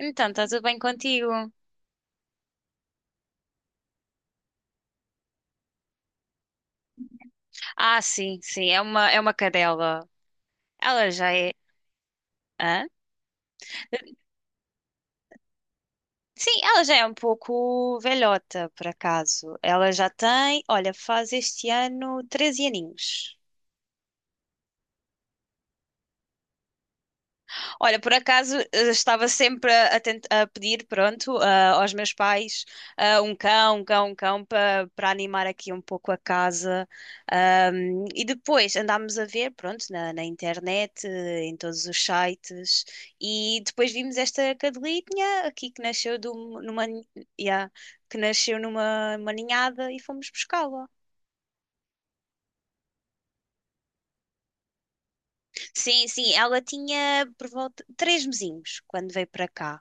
Então, está tudo bem contigo? Ah, sim, sim, é uma cadela. Ela já é. Hã? Sim, ela já é um pouco velhota, por acaso. Ela já tem, olha, faz este ano 13 aninhos. Olha, por acaso estava sempre a pedir, pronto, aos meus pais um cão para animar aqui um pouco a casa. E depois andámos a ver, pronto, na internet, em todos os sites, e depois vimos esta cadelinha aqui que nasceu de um- numa, ni- yeah, que nasceu numa uma ninhada e fomos buscá-la. Sim, sim, ela tinha por volta 3 mesinhos quando veio para cá.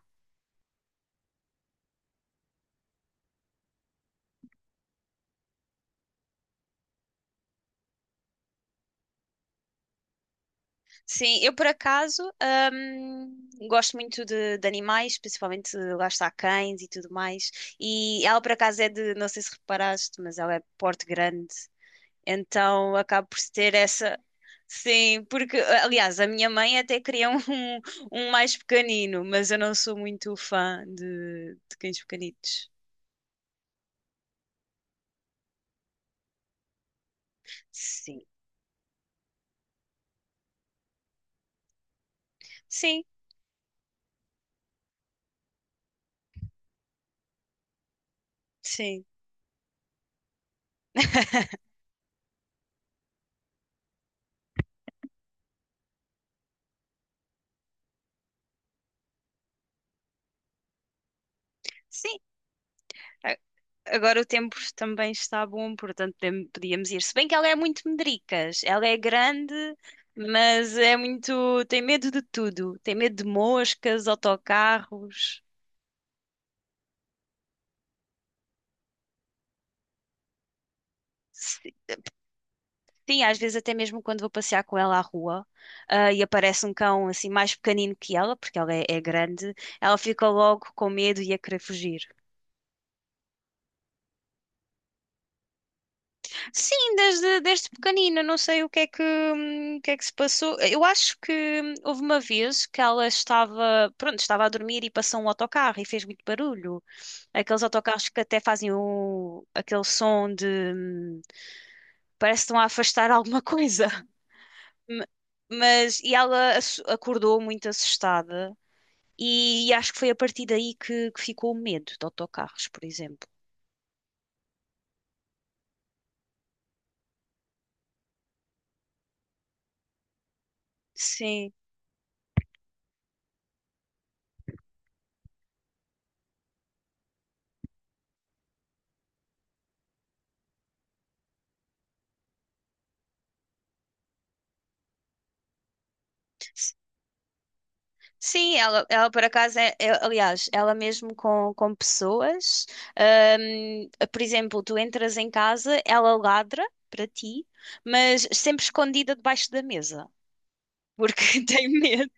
Sim, eu por acaso hum, gosto muito de animais, principalmente lá está cães e tudo mais. E ela por acaso é de, não sei se reparaste, mas ela é de porte grande, então acabo por ter essa. Sim, porque aliás a minha mãe até queria um mais pequenino, mas eu não sou muito fã de cães pequenitos. Sim, sim, sim, sim. Agora o tempo também está bom, portanto podíamos ir. Se bem que ela é muito medricas, ela é grande, mas é muito, tem medo de tudo. Tem medo de moscas, autocarros. Si- Sim, às vezes até mesmo quando vou passear com ela à rua, e aparece um cão assim mais pequenino que ela, porque ela é grande, ela fica logo com medo e a querer fugir. Sim, desde pequenina, não sei o que é que, o que é que se passou. Eu acho que houve uma vez que ela estava, pronto, estava a dormir e passou um autocarro e fez muito barulho. Aqueles autocarros que até fazem o, aquele som de, hum, parece que estão a afastar alguma coisa. Ma- Mas, e ela acordou muito assustada e, acho que foi a partir daí que ficou o medo de autocarros, por exemplo. Sim. Sim, ela por acaso aliás, ela mesmo com pessoas, por exemplo, tu entras em casa, ela ladra para ti, mas sempre escondida debaixo da mesa, porque tem medo,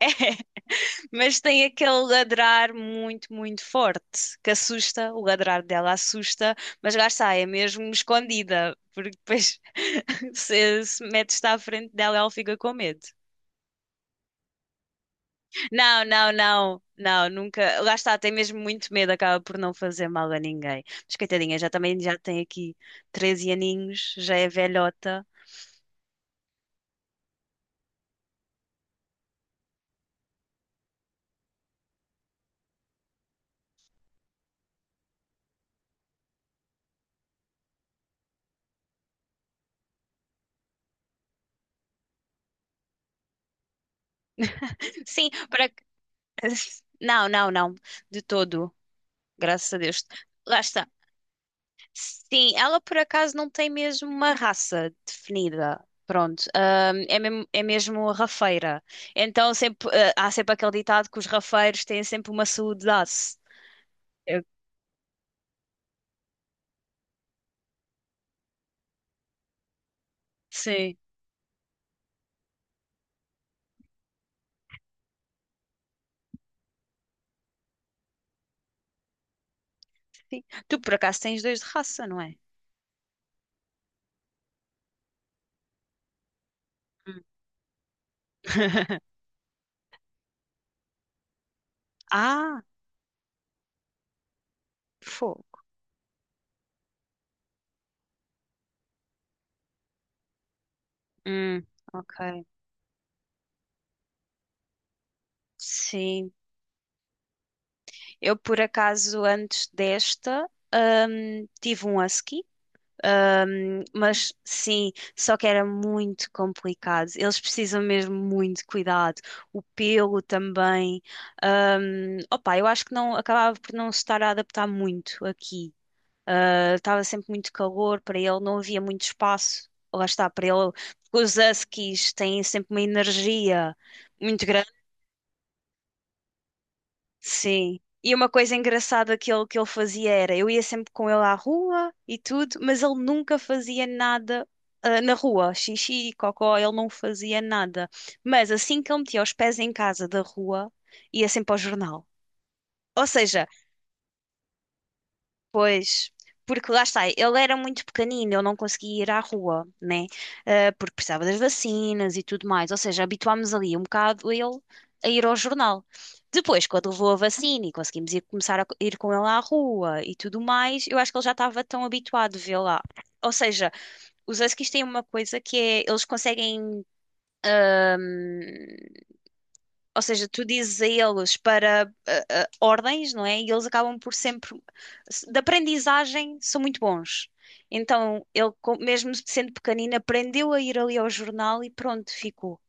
mas tem aquele ladrar muito, muito forte, que assusta, o ladrar dela assusta, mas lá está, é mesmo escondida, porque depois se metes-te à frente dela, ela fica com medo. Não, não, não, não, nunca. Lá está, tem mesmo muito medo, acaba por não fazer mal a ninguém. Mas coitadinha, já também já tem aqui 13 aninhos, já é velhota. Sim, para. Não, não, não, de todo, graças a Deus. Lá está. Sim, ela por acaso não tem mesmo uma raça definida. Pronto, é mesmo rafeira. Então sempre, há sempre aquele ditado que os rafeiros têm sempre uma saúde de aço. Eu- Sim. Sim. Tu por acaso tens dois de raça, não é? Hum. Ah, fogo. Hum, ok. Sim. Eu por acaso antes desta tive um husky, mas sim, só que era muito complicado. Eles precisam mesmo muito de cuidado. O pelo também. Opa, eu acho que não acabava por não se estar a adaptar muito aqui. Ah, estava sempre muito calor, para ele não havia muito espaço. Lá está, para ele, porque os huskies têm sempre uma energia muito grande, sim. E uma coisa engraçada que ele fazia era, eu ia sempre com ele à rua e tudo, mas ele nunca fazia nada, na rua, xixi, cocó, ele não fazia nada. Mas assim que ele metia os pés em casa da rua, ia sempre ao jornal. Ou seja, pois, porque lá está, ele era muito pequenino, ele não conseguia ir à rua, né? Ah, porque precisava das vacinas e tudo mais. Ou seja, habituámos ali um bocado ele a ir ao jornal. Depois, quando levou a vacina e conseguimos ir, começar a ir com ele à rua e tudo mais, eu acho que ele já estava tão habituado a vê-la. Ou seja, os huskies têm uma coisa que é, eles conseguem hum, ou seja, tu dizes a eles para ordens, não é? E eles acabam por sempre, de aprendizagem, são muito bons. Então, ele, mesmo sendo pequenino, aprendeu a ir ali ao jornal e pronto, ficou.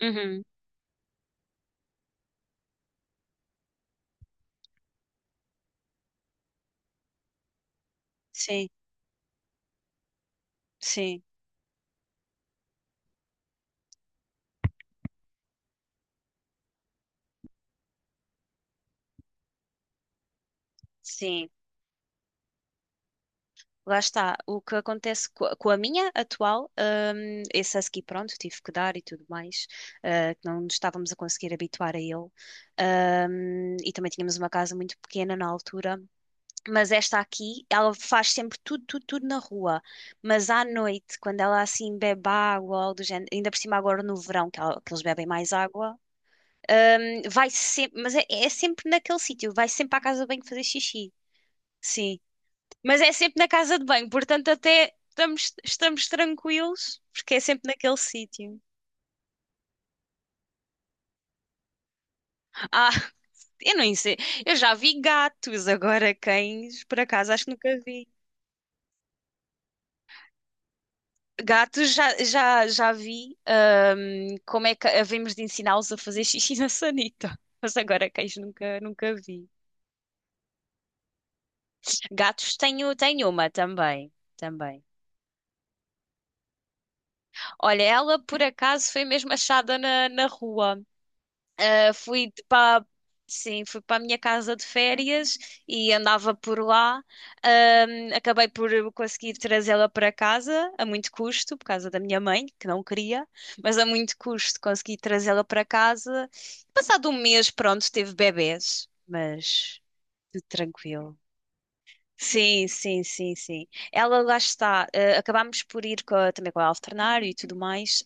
Uhum. Sim, sim, sim. Lá está. O que acontece com a minha atual, esse husky, pronto, tive que dar e tudo mais, que não nos estávamos a conseguir habituar a ele. E também tínhamos uma casa muito pequena na altura. Mas esta aqui, ela faz sempre tudo, tudo, tudo na rua. Mas à noite, quando ela assim bebe água, ou algo do género, ainda por cima agora no verão, que eles bebem mais água, vai sempre, mas é sempre naquele sítio, vai sempre à casa de banho fazer xixi. Sim. Mas é sempre na casa de banho, portanto até estamos, tranquilos, porque é sempre naquele sítio. Ah, eu não sei, eu já vi gatos, agora cães, por acaso, acho que nunca vi. Gatos já vi como é que havemos de ensiná-los a fazer xixi na sanita. Mas agora cães nunca, nunca vi. Gatos tenho, tenho uma também, também. Olha, ela por acaso foi mesmo achada na rua. Fui para, sim, fui para a minha casa de férias e andava por lá. Acabei por conseguir trazê-la para casa a muito custo, por causa da minha mãe, que não queria, mas a muito custo consegui trazê-la para casa. Passado um mês, pronto, teve bebés, mas tudo tranquilo. Sim, sim, sim, sim. Ela lá está. Acabámos por ir também com a alternar e tudo mais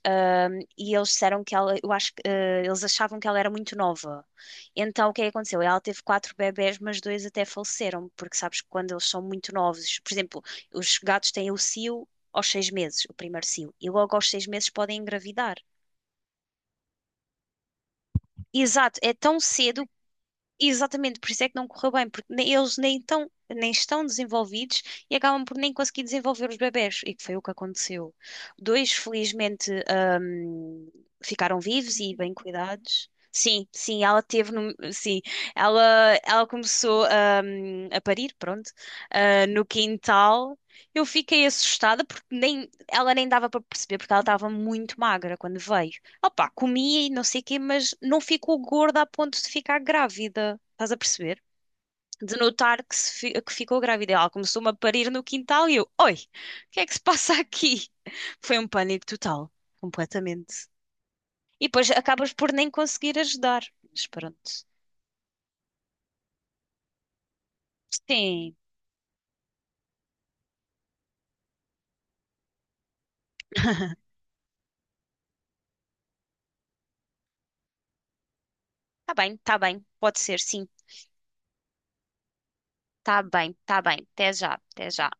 e eles disseram que ela, eu acho que eles achavam que ela era muito nova. Então o que é que aconteceu? Ela teve quatro bebés, mas dois até faleceram, porque sabes que quando eles são muito novos, por exemplo, os gatos têm o cio aos 6 meses, o primeiro cio, e logo aos 6 meses podem engravidar. Exato, é tão cedo. Exatamente, por isso é que não correu bem, porque eles nem tão, nem estão desenvolvidos e acabam por nem conseguir desenvolver os bebés, e que foi o que aconteceu. Dois, felizmente, hum, ficaram vivos e bem cuidados. Sim, sim, ela teve, sim, ela começou, a parir, pronto, no quintal. Eu fiquei assustada porque nem, ela nem dava para perceber, porque ela estava muito magra quando veio. Opa, comia e não sei o quê, mas não ficou gorda a ponto de ficar grávida. Estás a perceber? De notar que, se fi- que ficou grávida. Ela começou-me a parir no quintal e eu, oi, o que é que se passa aqui? Foi um pânico total, completamente. E depois acabas por nem conseguir ajudar. Mas pronto. Sim, está bem, pode ser, sim. Está bem, está bem. Até já, até já.